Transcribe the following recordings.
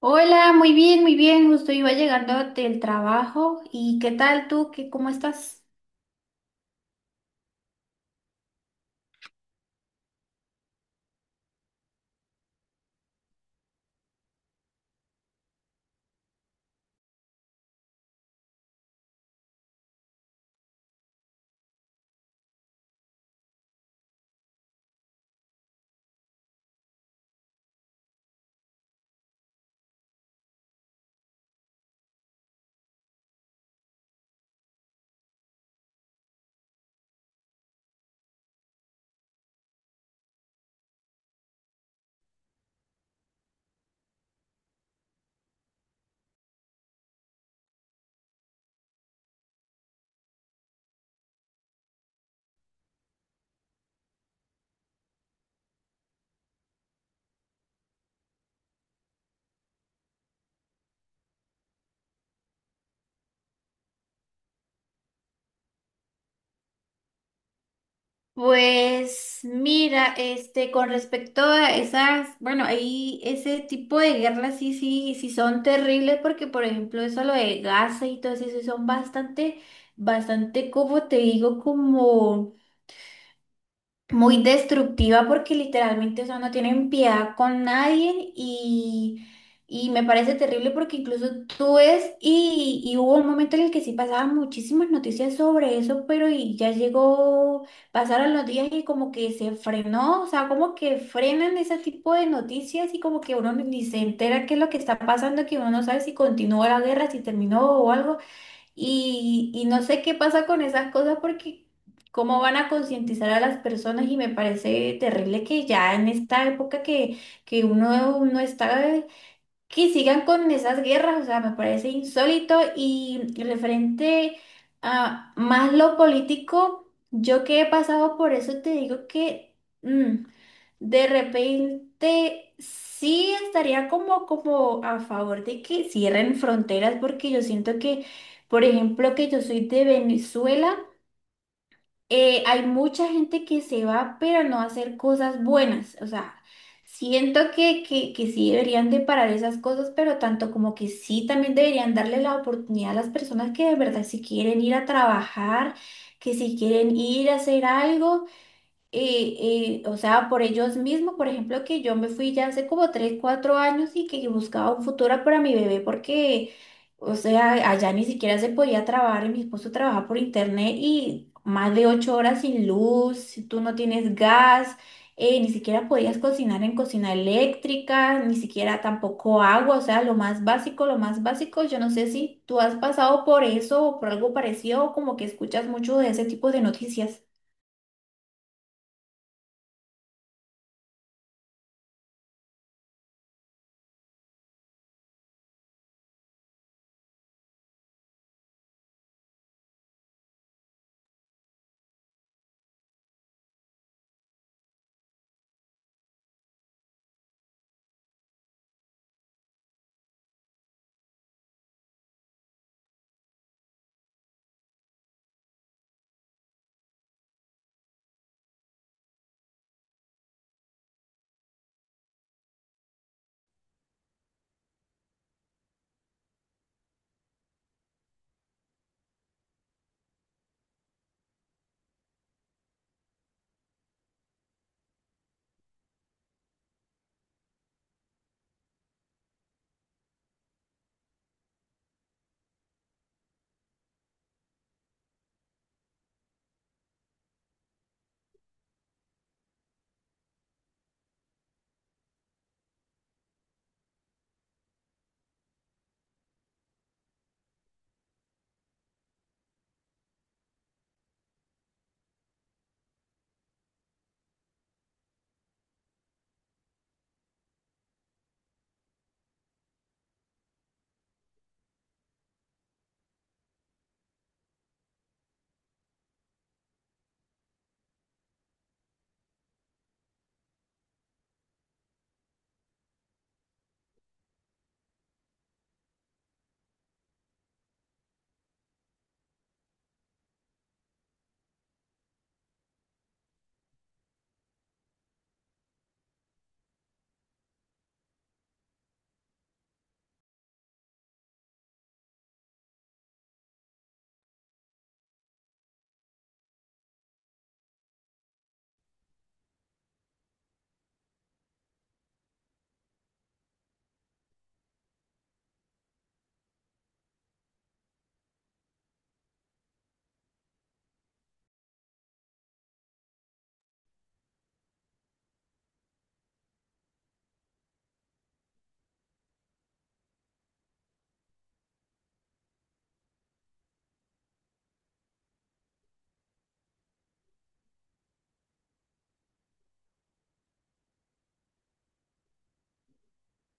Hola, muy bien, muy bien. Justo iba llegando del trabajo. ¿Y qué tal tú? ¿Cómo estás? Pues mira, con respecto a esas, bueno, ahí ese tipo de guerras sí, sí, sí son terribles porque, por ejemplo, eso lo de Gaza y todo eso sí son bastante, bastante, como te digo, como muy destructiva porque literalmente, o sea, no tienen piedad con nadie y me parece terrible porque incluso tú ves y hubo un momento en el que sí pasaban muchísimas noticias sobre eso, pero y ya llegó, pasaron los días y como que se frenó, o sea, como que frenan ese tipo de noticias y como que uno ni se entera qué es lo que está pasando, que uno no sabe si continúa la guerra, si terminó o algo. Y no sé qué pasa con esas cosas porque cómo van a concientizar a las personas y me parece terrible que ya en esta época que uno no está que sigan con esas guerras, o sea, me parece insólito y referente a más lo político, yo que he pasado por eso te digo que mm, de repente sí estaría como, como a favor de que cierren fronteras porque yo siento que, por ejemplo, que yo soy de Venezuela, hay mucha gente que se va, pero no a hacer cosas buenas. O sea, siento que sí deberían de parar esas cosas, pero tanto como que sí también deberían darle la oportunidad a las personas que de verdad si quieren ir a trabajar, que si quieren ir a hacer algo. Y, o sea, por ellos mismos, por ejemplo, que yo me fui ya hace como 3 4 años y que buscaba un futuro para mi bebé porque, o sea, allá ni siquiera se podía trabajar y mi esposo trabaja por internet y más de 8 horas sin luz, tú no tienes gas, ni siquiera podías cocinar en cocina eléctrica, ni siquiera tampoco agua, o sea, lo más básico, yo no sé si tú has pasado por eso o por algo parecido o como que escuchas mucho de ese tipo de noticias.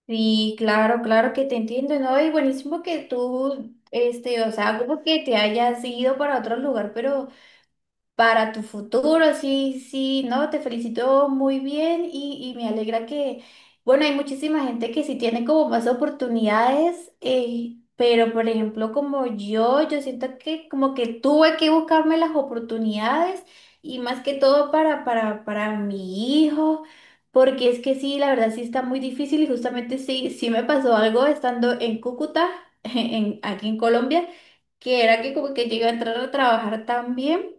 Sí, claro, claro que te entiendo, ¿no? Y buenísimo que tú, o sea, como que te hayas ido para otro lugar, pero para tu futuro. Sí, sí, no, te felicito muy bien y me alegra que, bueno, hay muchísima gente que sí tiene como más oportunidades, pero por ejemplo como yo siento que como que tuve que buscarme las oportunidades y más que todo para, para, mi hijo. Porque es que sí, la verdad sí está muy difícil y justamente sí, sí me pasó algo estando en Cúcuta, en, aquí en Colombia, que era que como que llegué a entrar a trabajar también.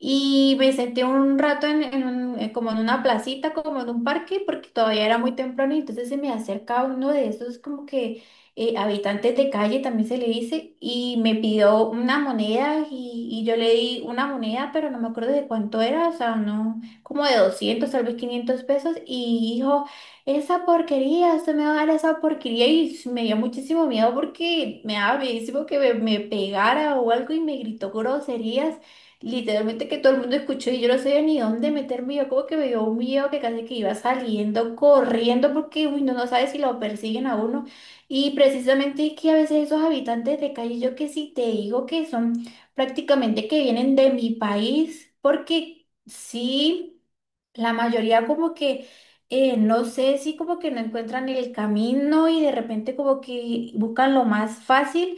Y me senté un rato en como en una placita, como en un parque, porque todavía era muy temprano y entonces se me acerca uno de esos como que habitantes de calle, también se le dice, y me pidió una moneda y yo le di una moneda, pero no me acuerdo de cuánto era, o sea, no, como de 200 tal vez 500 pesos, y dijo, esa porquería, usted me va a dar esa porquería y me dio muchísimo miedo porque me daba miedo que me pegara o algo y me gritó groserías. Literalmente que todo el mundo escuchó y yo no sabía ni dónde meterme. Yo como que me dio un miedo que casi que iba saliendo corriendo porque uy, no, no sabe si lo persiguen a uno. Y precisamente es que a veces esos habitantes de calle, yo que sí te digo que son prácticamente que vienen de mi país, porque sí, la mayoría como que, no sé, sí como que no encuentran el camino y de repente como que buscan lo más fácil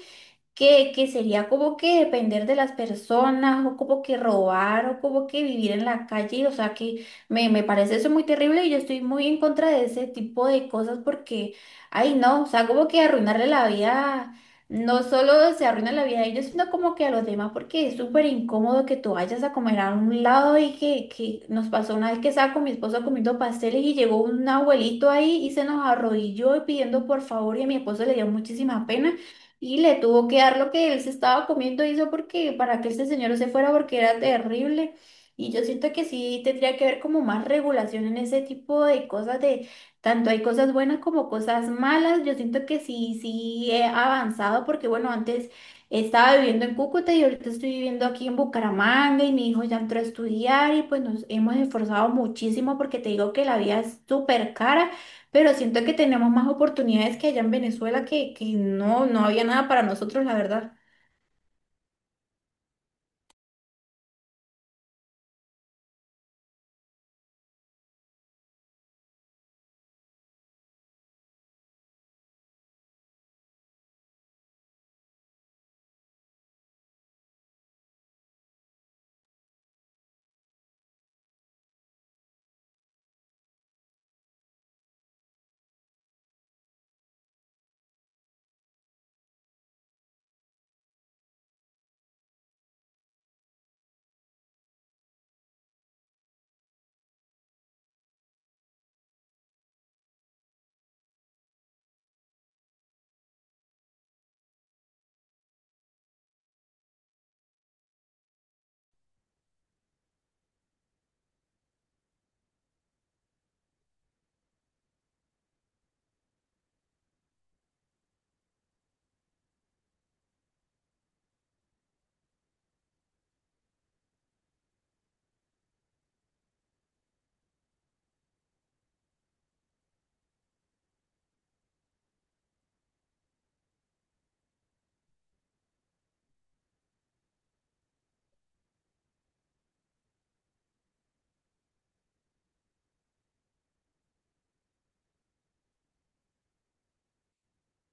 que sería como que depender de las personas, o como que robar, o como que vivir en la calle, o sea que me parece eso muy terrible y yo estoy muy en contra de ese tipo de cosas porque, ay no, o sea, como que arruinarle la vida, no solo se arruina la vida a ellos, sino como que a los demás, porque es súper incómodo que tú vayas a comer a un lado y que nos pasó una vez que estaba con mi esposo comiendo pasteles y llegó un abuelito ahí y se nos arrodilló pidiendo por favor y a mi esposo le dio muchísima pena. Y le tuvo que dar lo que él se estaba comiendo, hizo porque para que este señor se fuera porque era terrible. Y yo siento que sí tendría que haber como más regulación en ese tipo de cosas de tanto hay cosas buenas como cosas malas. Yo siento que sí, sí he avanzado porque bueno, antes estaba viviendo en Cúcuta y ahorita estoy viviendo aquí en Bucaramanga y mi hijo ya entró a estudiar y pues nos hemos esforzado muchísimo porque te digo que la vida es súper cara. Pero siento que tenemos más oportunidades que allá en Venezuela que no, no había nada para nosotros, la verdad.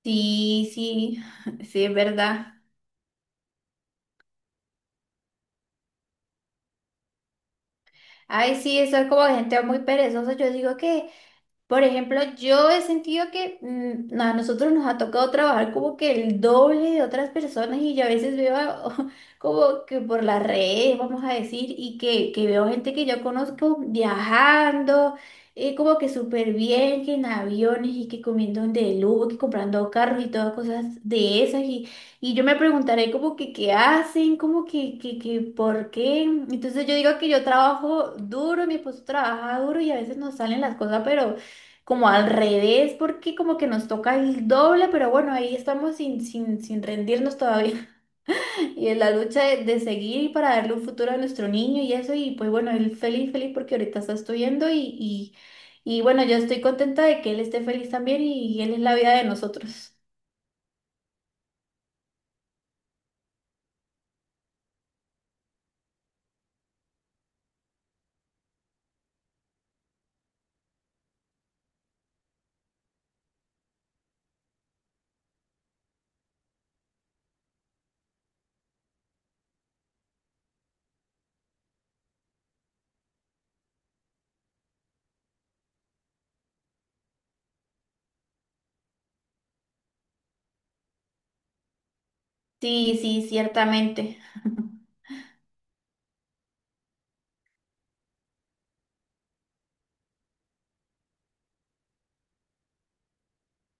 Sí, sí, sí, es verdad. Ay, sí, eso es como gente muy perezosa. Yo digo que, por ejemplo, yo he sentido que a nosotros nos ha tocado trabajar como que el doble de otras personas y yo a veces veo como que por las redes, vamos a decir, y que veo gente que yo conozco viajando, como que súper bien, que en aviones y que comiendo de lujo, que comprando carros y todas cosas de esas. Y yo me preguntaré como que qué hacen, como que por qué. Entonces yo digo que yo trabajo duro, mi esposo trabaja duro y a veces nos salen las cosas, pero como al revés, porque como que nos toca el doble, pero bueno, ahí estamos sin rendirnos todavía. Y en la lucha de seguir y para darle un futuro a nuestro niño y eso, y pues bueno, él feliz, feliz porque ahorita está estudiando y bueno, yo estoy contenta de que él esté feliz también y él es la vida de nosotros. Sí, sí, ciertamente.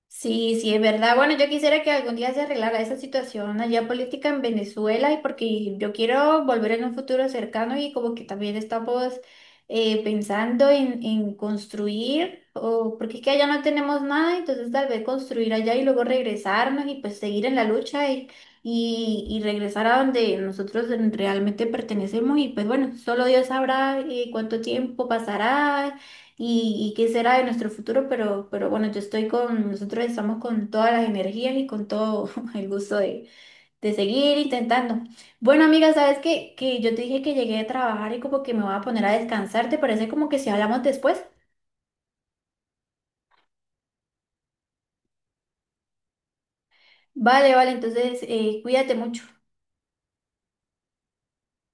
Sí, sí, es verdad. Bueno, yo quisiera que algún día se arreglara esa situación allá política en Venezuela y porque yo quiero volver en un futuro cercano y como que también estamos pensando en construir, o porque es que allá no tenemos nada, entonces tal vez construir allá y luego regresarnos y pues seguir en la lucha y regresar a donde nosotros realmente pertenecemos y pues bueno, solo Dios sabrá cuánto tiempo pasará y qué será de nuestro futuro, pero bueno, yo estoy con, nosotros estamos con todas las energías y con todo el gusto de seguir intentando. Bueno, amiga, ¿sabes qué? Que yo te dije que llegué a trabajar y como que me voy a poner a descansar, ¿te parece como que si hablamos después? Vale, vale, entonces cuídate mucho.